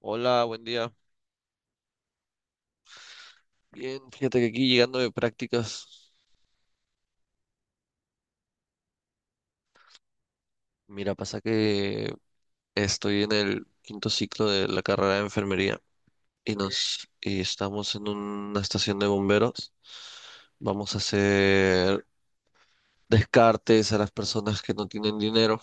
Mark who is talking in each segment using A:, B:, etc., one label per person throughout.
A: Hola, buen día. Bien, fíjate que aquí llegando de prácticas, mira, pasa que estoy en el quinto ciclo de la carrera de enfermería y estamos en una estación de bomberos. Vamos a hacer descartes a las personas que no tienen dinero.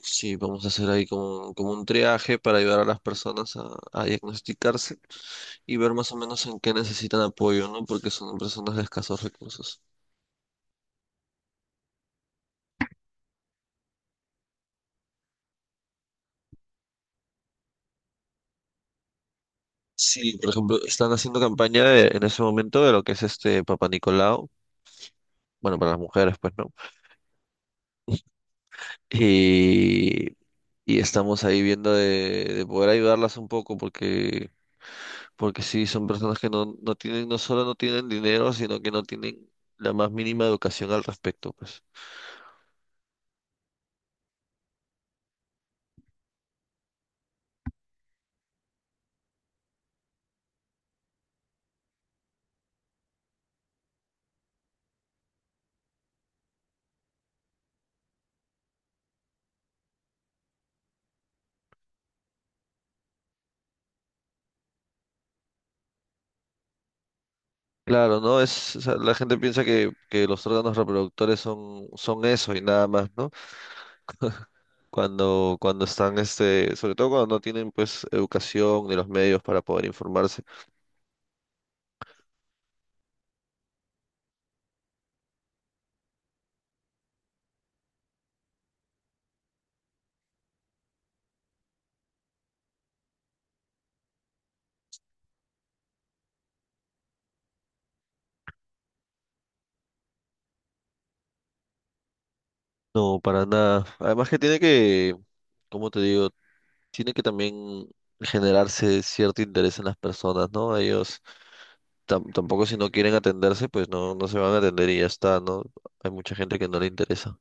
A: Sí, vamos a hacer ahí como un triaje para ayudar a las personas a diagnosticarse y ver más o menos en qué necesitan apoyo, ¿no? Porque son personas de escasos recursos. Sí, por ejemplo, están haciendo en ese momento de lo que es este Papá Nicolau, bueno, para las mujeres, pues, ¿no? Y, y estamos ahí viendo de poder ayudarlas un poco, porque sí, son personas que no tienen, no solo no tienen dinero, sino que no tienen la más mínima educación al respecto, pues. Claro, ¿no? Es, o sea, la gente piensa que los órganos reproductores son eso y nada más, ¿no? Cuando están, sobre todo cuando no tienen, pues, educación ni los medios para poder informarse. No, para nada. Además que tiene que, como te digo, tiene que también generarse cierto interés en las personas, ¿no? Ellos tampoco si no quieren atenderse, pues no se van a atender y ya está, ¿no? Hay mucha gente que no le interesa.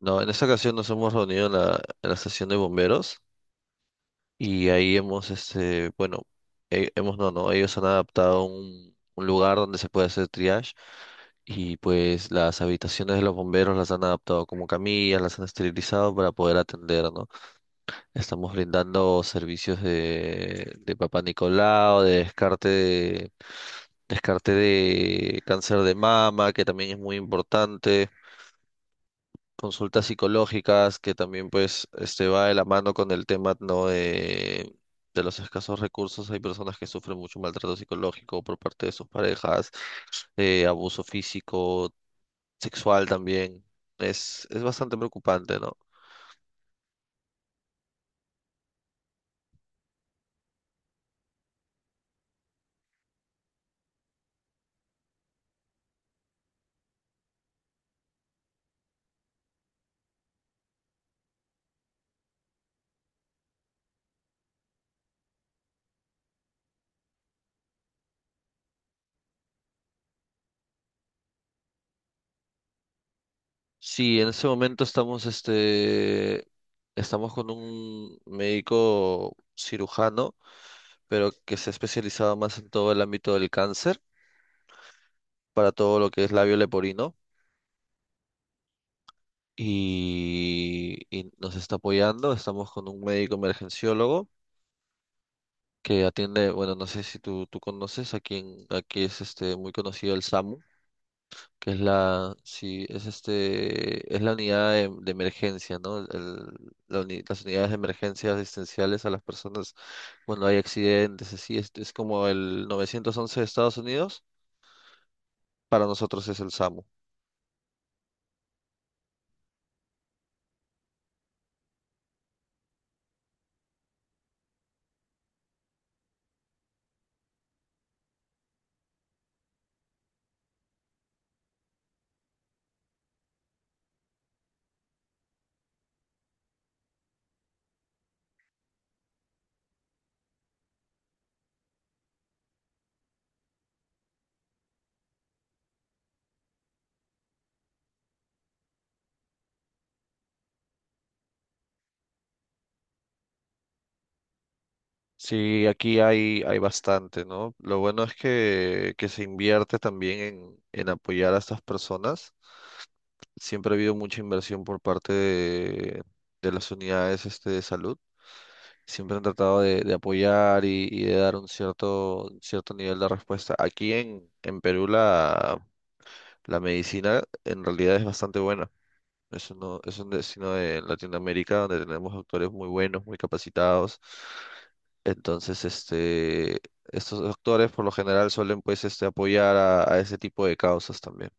A: No, en esta ocasión nos hemos reunido en la estación de bomberos y ahí hemos, este, bueno, hemos, no, no, ellos han adaptado un lugar donde se puede hacer triage y pues las habitaciones de los bomberos las han adaptado como camillas, las han esterilizado para poder atender, ¿no? Estamos brindando servicios de Papá Nicolau, descarte de cáncer de mama, que también es muy importante, consultas psicológicas, que también pues va de la mano con el tema, ¿no? De los escasos recursos. Hay personas que sufren mucho maltrato psicológico por parte de sus parejas, abuso físico, sexual también. Es bastante preocupante, ¿no? Sí, en ese momento estamos, estamos con un médico cirujano, pero que se ha especializado más en todo el ámbito del cáncer, para todo lo que es labio leporino, y nos está apoyando. Estamos con un médico emergenciólogo que atiende, bueno, no sé si tú conoces, aquí es muy conocido el SAMU, que es la, sí, es la unidad de emergencia, ¿no? Las unidades de emergencia asistenciales a las personas cuando hay accidentes, así, es como el 911 de Estados Unidos, para nosotros es el SAMU. Sí, aquí hay, hay bastante, ¿no? Lo bueno es que se invierte también en apoyar a estas personas. Siempre ha habido mucha inversión por parte de las unidades de salud. Siempre han tratado de apoyar y de dar un cierto, cierto nivel de respuesta. Aquí en Perú la, la medicina en realidad es bastante buena. Es, es un destino de Latinoamérica donde tenemos doctores muy buenos, muy capacitados. Entonces, estos doctores por lo general suelen pues apoyar a ese tipo de causas también.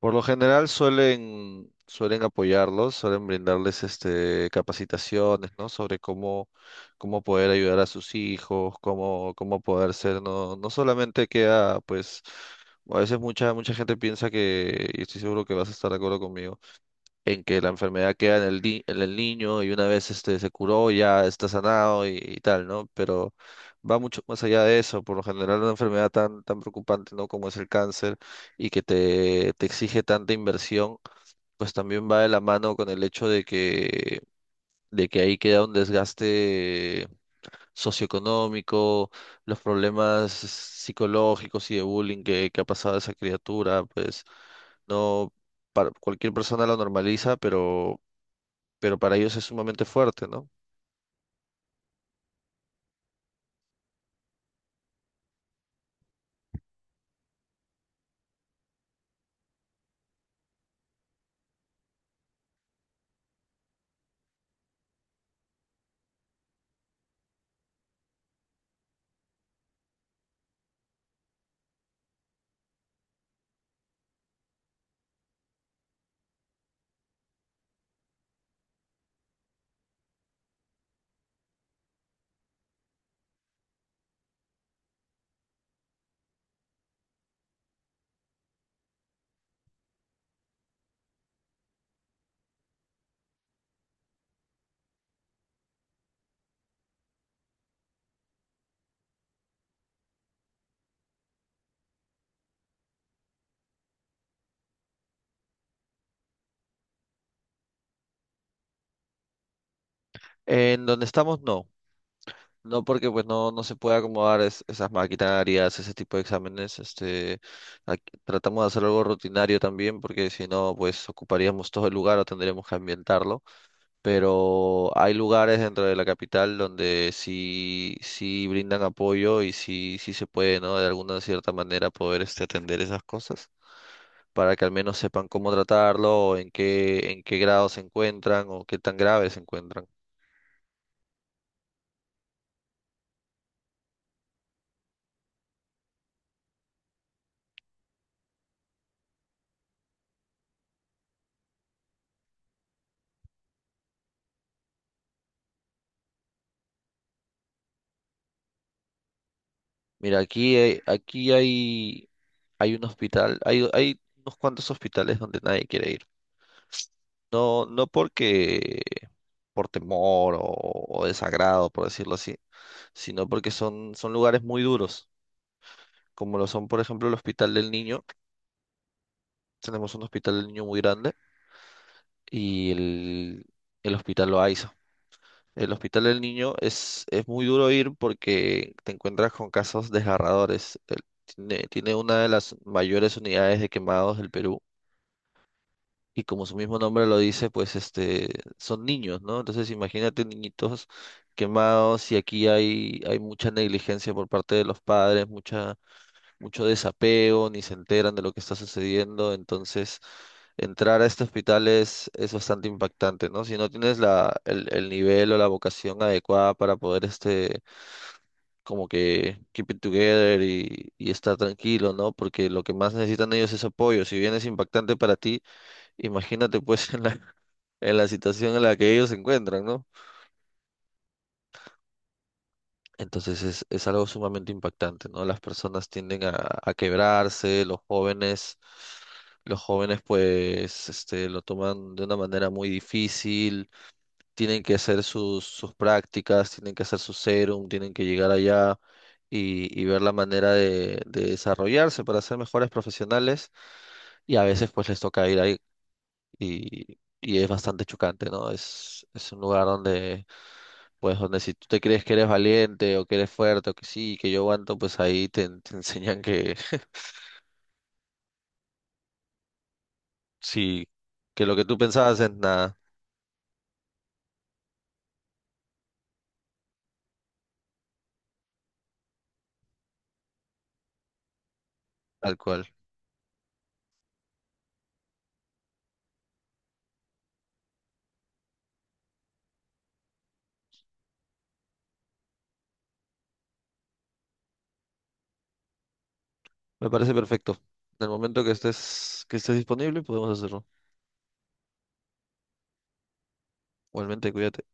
A: Por lo general suelen apoyarlos, suelen brindarles capacitaciones, ¿no? Sobre cómo, cómo poder ayudar a sus hijos, cómo, cómo poder ser, no, no solamente queda, pues, a veces mucha gente piensa que, y estoy seguro que vas a estar de acuerdo conmigo, en que la enfermedad queda en el, ni- en el niño y una vez este se curó ya está sanado y tal, ¿no? Pero va mucho más allá de eso, por lo general una enfermedad tan preocupante, ¿no? Como es el cáncer y que te exige tanta inversión, pues también va de la mano con el hecho de que ahí queda un desgaste socioeconómico, los problemas psicológicos y de bullying que ha pasado a esa criatura, pues no, para, cualquier persona lo normaliza, pero para ellos es sumamente fuerte, ¿no? En donde estamos, no. No porque pues no, no se puede acomodar esas maquinarias, ese tipo de exámenes. Tratamos de hacer algo rutinario también, porque si no, pues ocuparíamos todo el lugar o tendríamos que ambientarlo. Pero hay lugares dentro de la capital donde sí, sí brindan apoyo y sí, sí se puede, ¿no? De alguna cierta manera poder atender esas cosas para que al menos sepan cómo tratarlo, o en qué grado se encuentran o qué tan grave se encuentran. Mira, aquí hay, hay un hospital, hay unos cuantos hospitales donde nadie quiere ir. No, no porque por temor o desagrado, por decirlo así, sino porque son, son lugares muy duros, como lo son, por ejemplo, el Hospital del Niño. Tenemos un Hospital del Niño muy grande y el Hospital Loaiza. El Hospital del Niño es muy duro ir porque te encuentras con casos desgarradores. Tiene, tiene una de las mayores unidades de quemados del Perú y como su mismo nombre lo dice, pues son niños, ¿no? Entonces imagínate niñitos quemados y aquí hay, hay mucha negligencia por parte de los padres, mucha mucho desapego, ni se enteran de lo que está sucediendo, entonces entrar a este hospital es bastante impactante, ¿no? Si no tienes el nivel o la vocación adecuada para poder, como que keep it together y estar tranquilo, ¿no? Porque lo que más necesitan ellos es apoyo. Si bien es impactante para ti, imagínate pues en en la situación en la que ellos se encuentran, ¿no? Entonces es algo sumamente impactante, ¿no? Las personas tienden a quebrarse, los jóvenes pues lo toman de una manera muy difícil, tienen que hacer sus prácticas, tienen que hacer su serum, tienen que llegar allá y ver la manera de desarrollarse para ser mejores profesionales y a veces pues les toca ir ahí y es bastante chocante, ¿no? Es un lugar donde pues donde si tú te crees que eres valiente o que eres fuerte o que sí, que yo aguanto, pues ahí te enseñan que sí, que lo que tú pensabas es nada, tal cual. Me parece perfecto. En el momento que estés disponible, podemos hacerlo. Igualmente, cuídate.